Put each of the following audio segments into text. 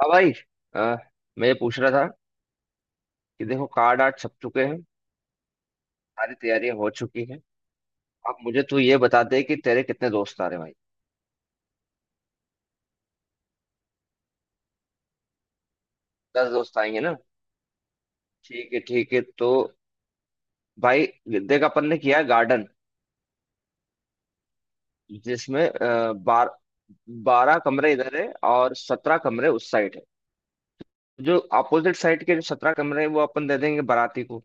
हाँ भाई। आ, मैं ये पूछ रहा था कि देखो कार्ड आर्ट छप चुके हैं। सारी तैयारियां हो चुकी हैं। अब मुझे तू ये बता दे कि तेरे कितने दोस्त आ रहे हैं भाई। दस दोस्त आएंगे ना? ठीक है तो भाई देख अपन ने किया गार्डन जिसमें 12 कमरे इधर है और 17 कमरे उस साइड है। जो अपोजिट साइड के जो 17 कमरे हैं वो अपन दे देंगे बाराती को,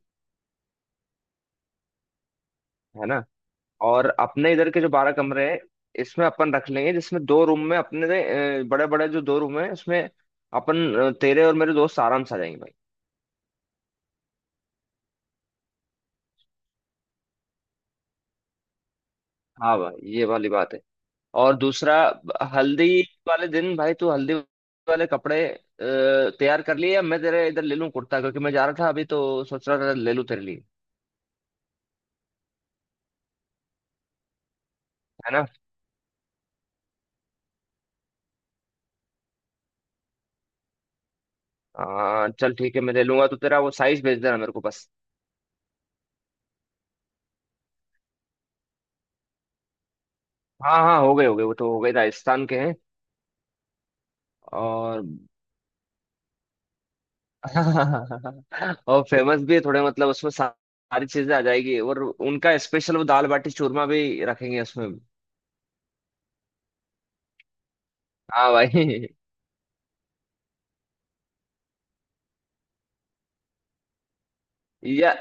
है ना। और अपने इधर के जो 12 कमरे हैं, इसमें अपन रख लेंगे जिसमें दो रूम में अपने बड़े बड़े जो दो रूम है उसमें अपन तेरे और मेरे दोस्त आराम से आ जाएंगे भाई। हाँ भाई ये वाली बात है। और दूसरा हल्दी वाले दिन भाई तू हल्दी वाले कपड़े तैयार कर लिए या मैं तेरे इधर ले लूँ कुर्ता क्योंकि मैं जा रहा था अभी तो सोच रहा था ले लूँ तेरे लिए, है ना। चल ठीक है मैं ले लूंगा तो तेरा वो साइज भेज देना मेरे को बस। हाँ हाँ हो गए वो तो हो गए राजस्थान के हैं। और और फेमस भी है थोड़े मतलब उसमें सारी चीजें आ जाएगी और उनका स्पेशल वो दाल बाटी चूरमा भी रखेंगे उसमें भी। हाँ भाई। या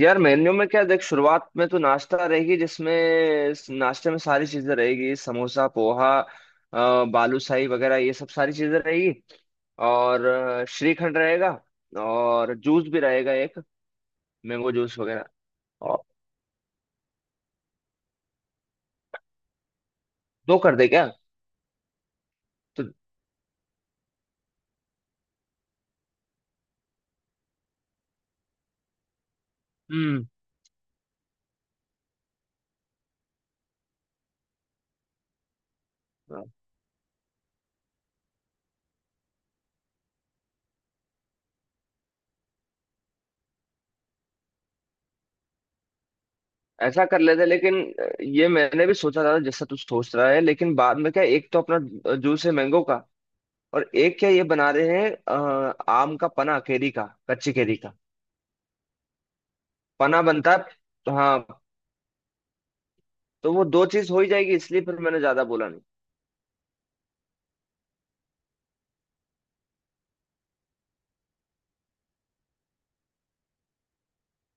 यार मेन्यू में क्या देख, शुरुआत में तो नाश्ता रहेगी जिसमें, इस नाश्ते में सारी चीजें रहेगी, समोसा पोहा बालूशाही वगैरह ये सब सारी चीजें रहेगी। और श्रीखंड रहेगा और जूस भी रहेगा एक मैंगो जूस वगैरह। और दो कर दे क्या? तो हम्म। ऐसा कर लेते लेकिन ये मैंने भी सोचा था जैसा तू सोच रहा है, लेकिन बाद में क्या एक तो अपना जूस है मैंगो का और एक क्या ये बना रहे हैं आम का पना, केरी का, कच्ची केरी का पना बनता है, तो हाँ। तो वो दो चीज हो ही जाएगी इसलिए फिर मैंने ज्यादा बोला नहीं।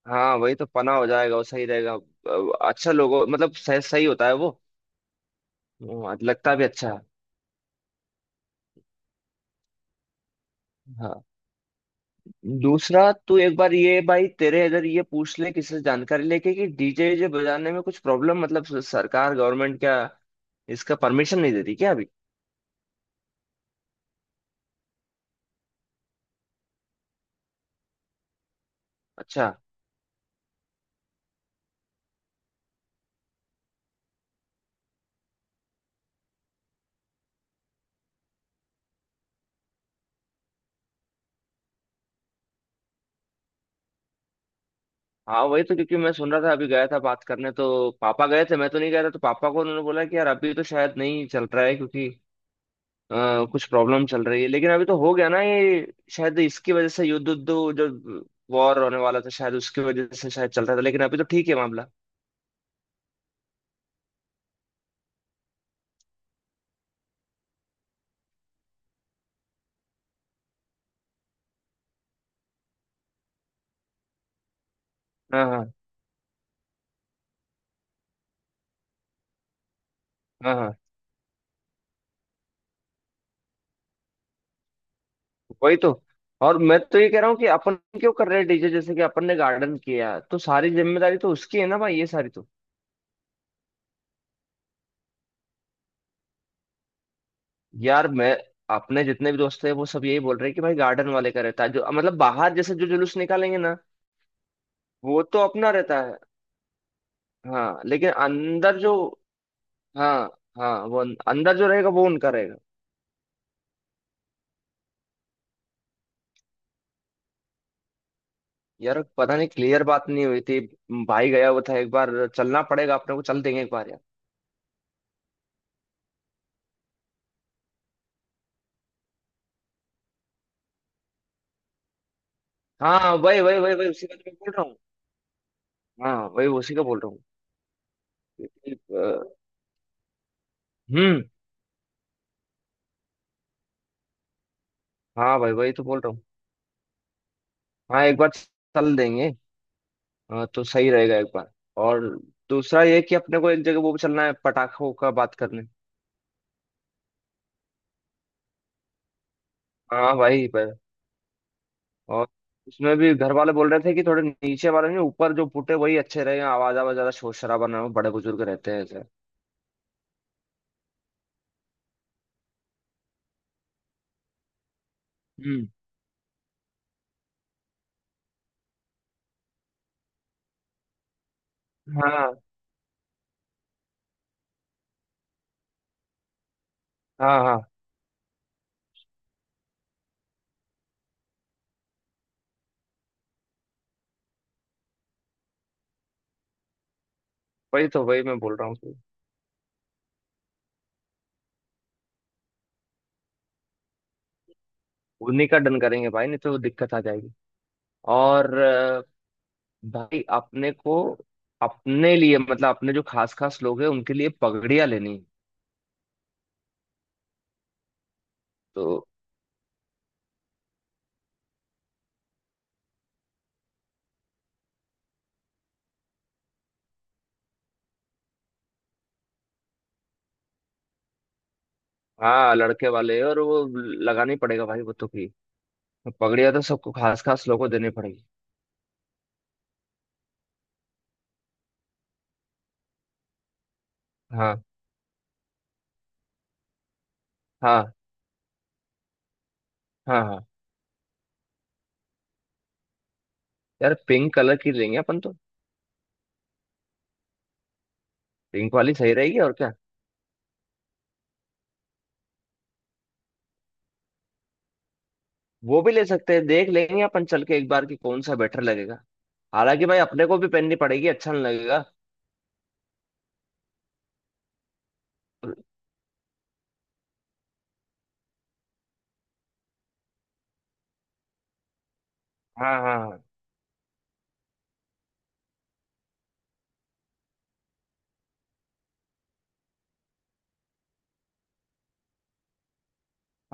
हाँ वही तो पना हो जाएगा वो सही रहेगा। अच्छा लोगो मतलब सही सही होता है वो लगता भी अच्छा है। हाँ। दूसरा तू एक बार ये भाई तेरे इधर ये पूछ ले किसी से जानकारी लेके कि डीजे जे बजाने में कुछ प्रॉब्लम, मतलब सरकार गवर्नमेंट क्या इसका परमिशन नहीं देती क्या अभी? अच्छा। हाँ वही तो, क्योंकि मैं सुन रहा था, अभी गया था बात करने तो पापा गए थे, मैं तो नहीं गया था, तो पापा को उन्होंने बोला कि यार अभी तो शायद नहीं चल रहा है क्योंकि कुछ प्रॉब्लम चल रही है, लेकिन अभी तो हो गया ना ये, शायद इसकी वजह से युद्ध उद्ध जो वॉर होने वाला था शायद उसकी वजह से शायद चल रहा था, लेकिन अभी तो ठीक है मामला। हाँ हाँ। हाँ हाँ वही तो। और मैं तो ये कह रहा हूँ कि अपन क्यों कर रहे हैं डीजे, जैसे कि अपन ने गार्डन किया तो सारी जिम्मेदारी तो उसकी है ना भाई, ये सारी तो? यार मैं, अपने जितने भी दोस्त हैं वो सब यही बोल रहे हैं कि भाई गार्डन वाले का रहता है जो, मतलब बाहर जैसे जो जुलूस निकालेंगे ना, वो तो अपना रहता है। हाँ लेकिन अंदर जो, हाँ हाँ वो अंदर जो रहेगा वो उनका रहेगा। यार पता नहीं क्लियर बात नहीं हुई थी भाई, गया हुआ था एक बार, चलना पड़ेगा अपने को, चल देंगे एक बार यार। हाँ वही वही वही वही उसी का तो मैं बोल रहा हूँ। हाँ वही उसी का बोल रहा हूँ। कि, अ, हम्म। हाँ भाई वही तो बोल रहा हूँ। हाँ एक बार चल देंगे। हाँ तो सही रहेगा एक बार। और दूसरा ये कि अपने को एक जगह वो भी चलना है पटाखों का बात करने। हाँ भाई पर। और उसमें भी घर वाले बोल रहे थे कि थोड़े नीचे वाले नहीं, ऊपर जो पुटे वही अच्छे रहे, आवाज आवाज ज्यादा शोर शराबा ना हो, बड़े बुजुर्ग रहते हैं ऐसे। हम्म। हाँ हाँ। हाँ वही तो, वही मैं बोल रहा हूँ कि उन्हीं का डन करेंगे भाई, नहीं तो दिक्कत आ जाएगी। और भाई अपने को अपने लिए मतलब अपने जो खास खास लोग हैं उनके लिए पगड़ियाँ लेनी है। तो हाँ लड़के वाले और वो लगानी पड़ेगा भाई वो तो भी, पगड़ियाँ तो सबको खास खास लोगों को देनी पड़ेगी। हाँ हाँ। हाँ हाँ। यार पिंक कलर की लेंगे अपन तो। पिंक वाली सही रहेगी और क्या। वो भी ले सकते हैं, देख लेंगे अपन चल के एक बार कि कौन सा बेटर लगेगा। हालांकि भाई अपने को भी पहननी पड़ेगी, अच्छा नहीं लगेगा। हाँ हाँ। हाँ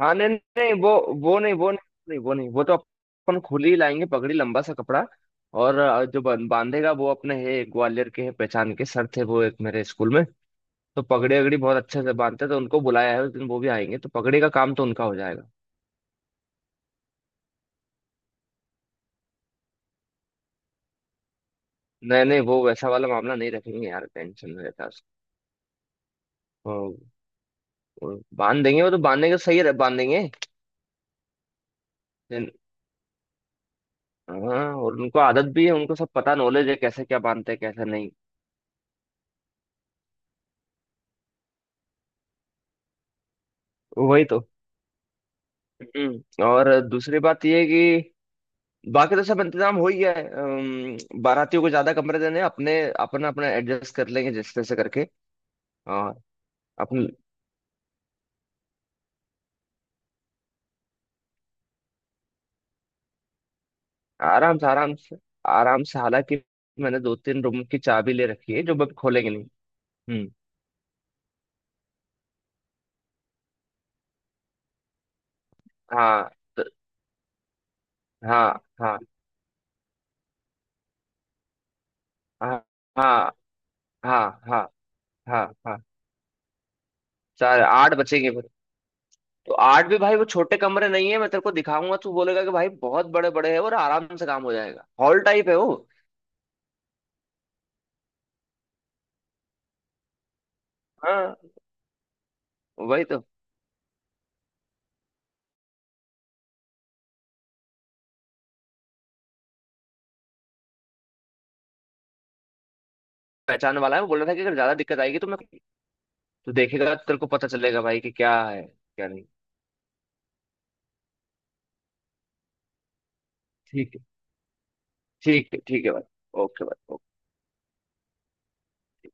हाँ। नहीं नहीं वो, वो नहीं वो नहीं वो नहीं, वो तो अपन खुली ही लाएंगे पगड़ी, लंबा सा कपड़ा। और जो बांधेगा वो अपने है ग्वालियर के, है पहचान के, सर थे वो एक मेरे स्कूल में। तो पगड़ी वगड़ी बहुत अच्छे से बांधते हैं, तो उनको बुलाया है उस दिन, वो भी आएंगे तो पगड़ी का काम तो उनका हो जाएगा। नहीं नहीं वो वैसा वाला मामला नहीं रखेंगे यार, टेंशन में रहता है उसको। वो- वो बांध देंगे, वो तो बांधने का सही रह बांध देंगे। लेकिन, हाँ, और उनको आदत भी है, उनको सब पता, नॉलेज है कैसे क्या बांधते हैं कैसे नहीं। वही तो। और दूसरी बात ये है कि बाकी तो सब इंतजाम हो ही गया है, बारातियों को ज्यादा कमरे देने हैं, अपने अपना अपना एडजस्ट कर लेंगे जिस तरह से करके। और अपन आराम से आराम से आराम से, हालांकि मैंने दो तीन रूम की चाबी ले रखी है जो मैं खोलेंगे नहीं। हम्म। हाँ तो, हाँ हाँ। हाँ हाँ। हाँ हाँ। हाँ हाँ। चार आठ बचेंगे फिर। तो आठ भी भाई वो छोटे कमरे नहीं है, मैं तेरे को दिखाऊंगा तू बोलेगा कि भाई बहुत बड़े बड़े हैं और आराम से काम हो जाएगा, हॉल टाइप है वो। हाँ वही तो। पहचान वाला है, वो बोल रहा था कि अगर ज्यादा दिक्कत आएगी तो मैं, तू देखेगा तो तेरे को पता चलेगा भाई कि क्या है क्या नहीं। ठीक है ठीक है। ठीक है भाई, ओके भाई।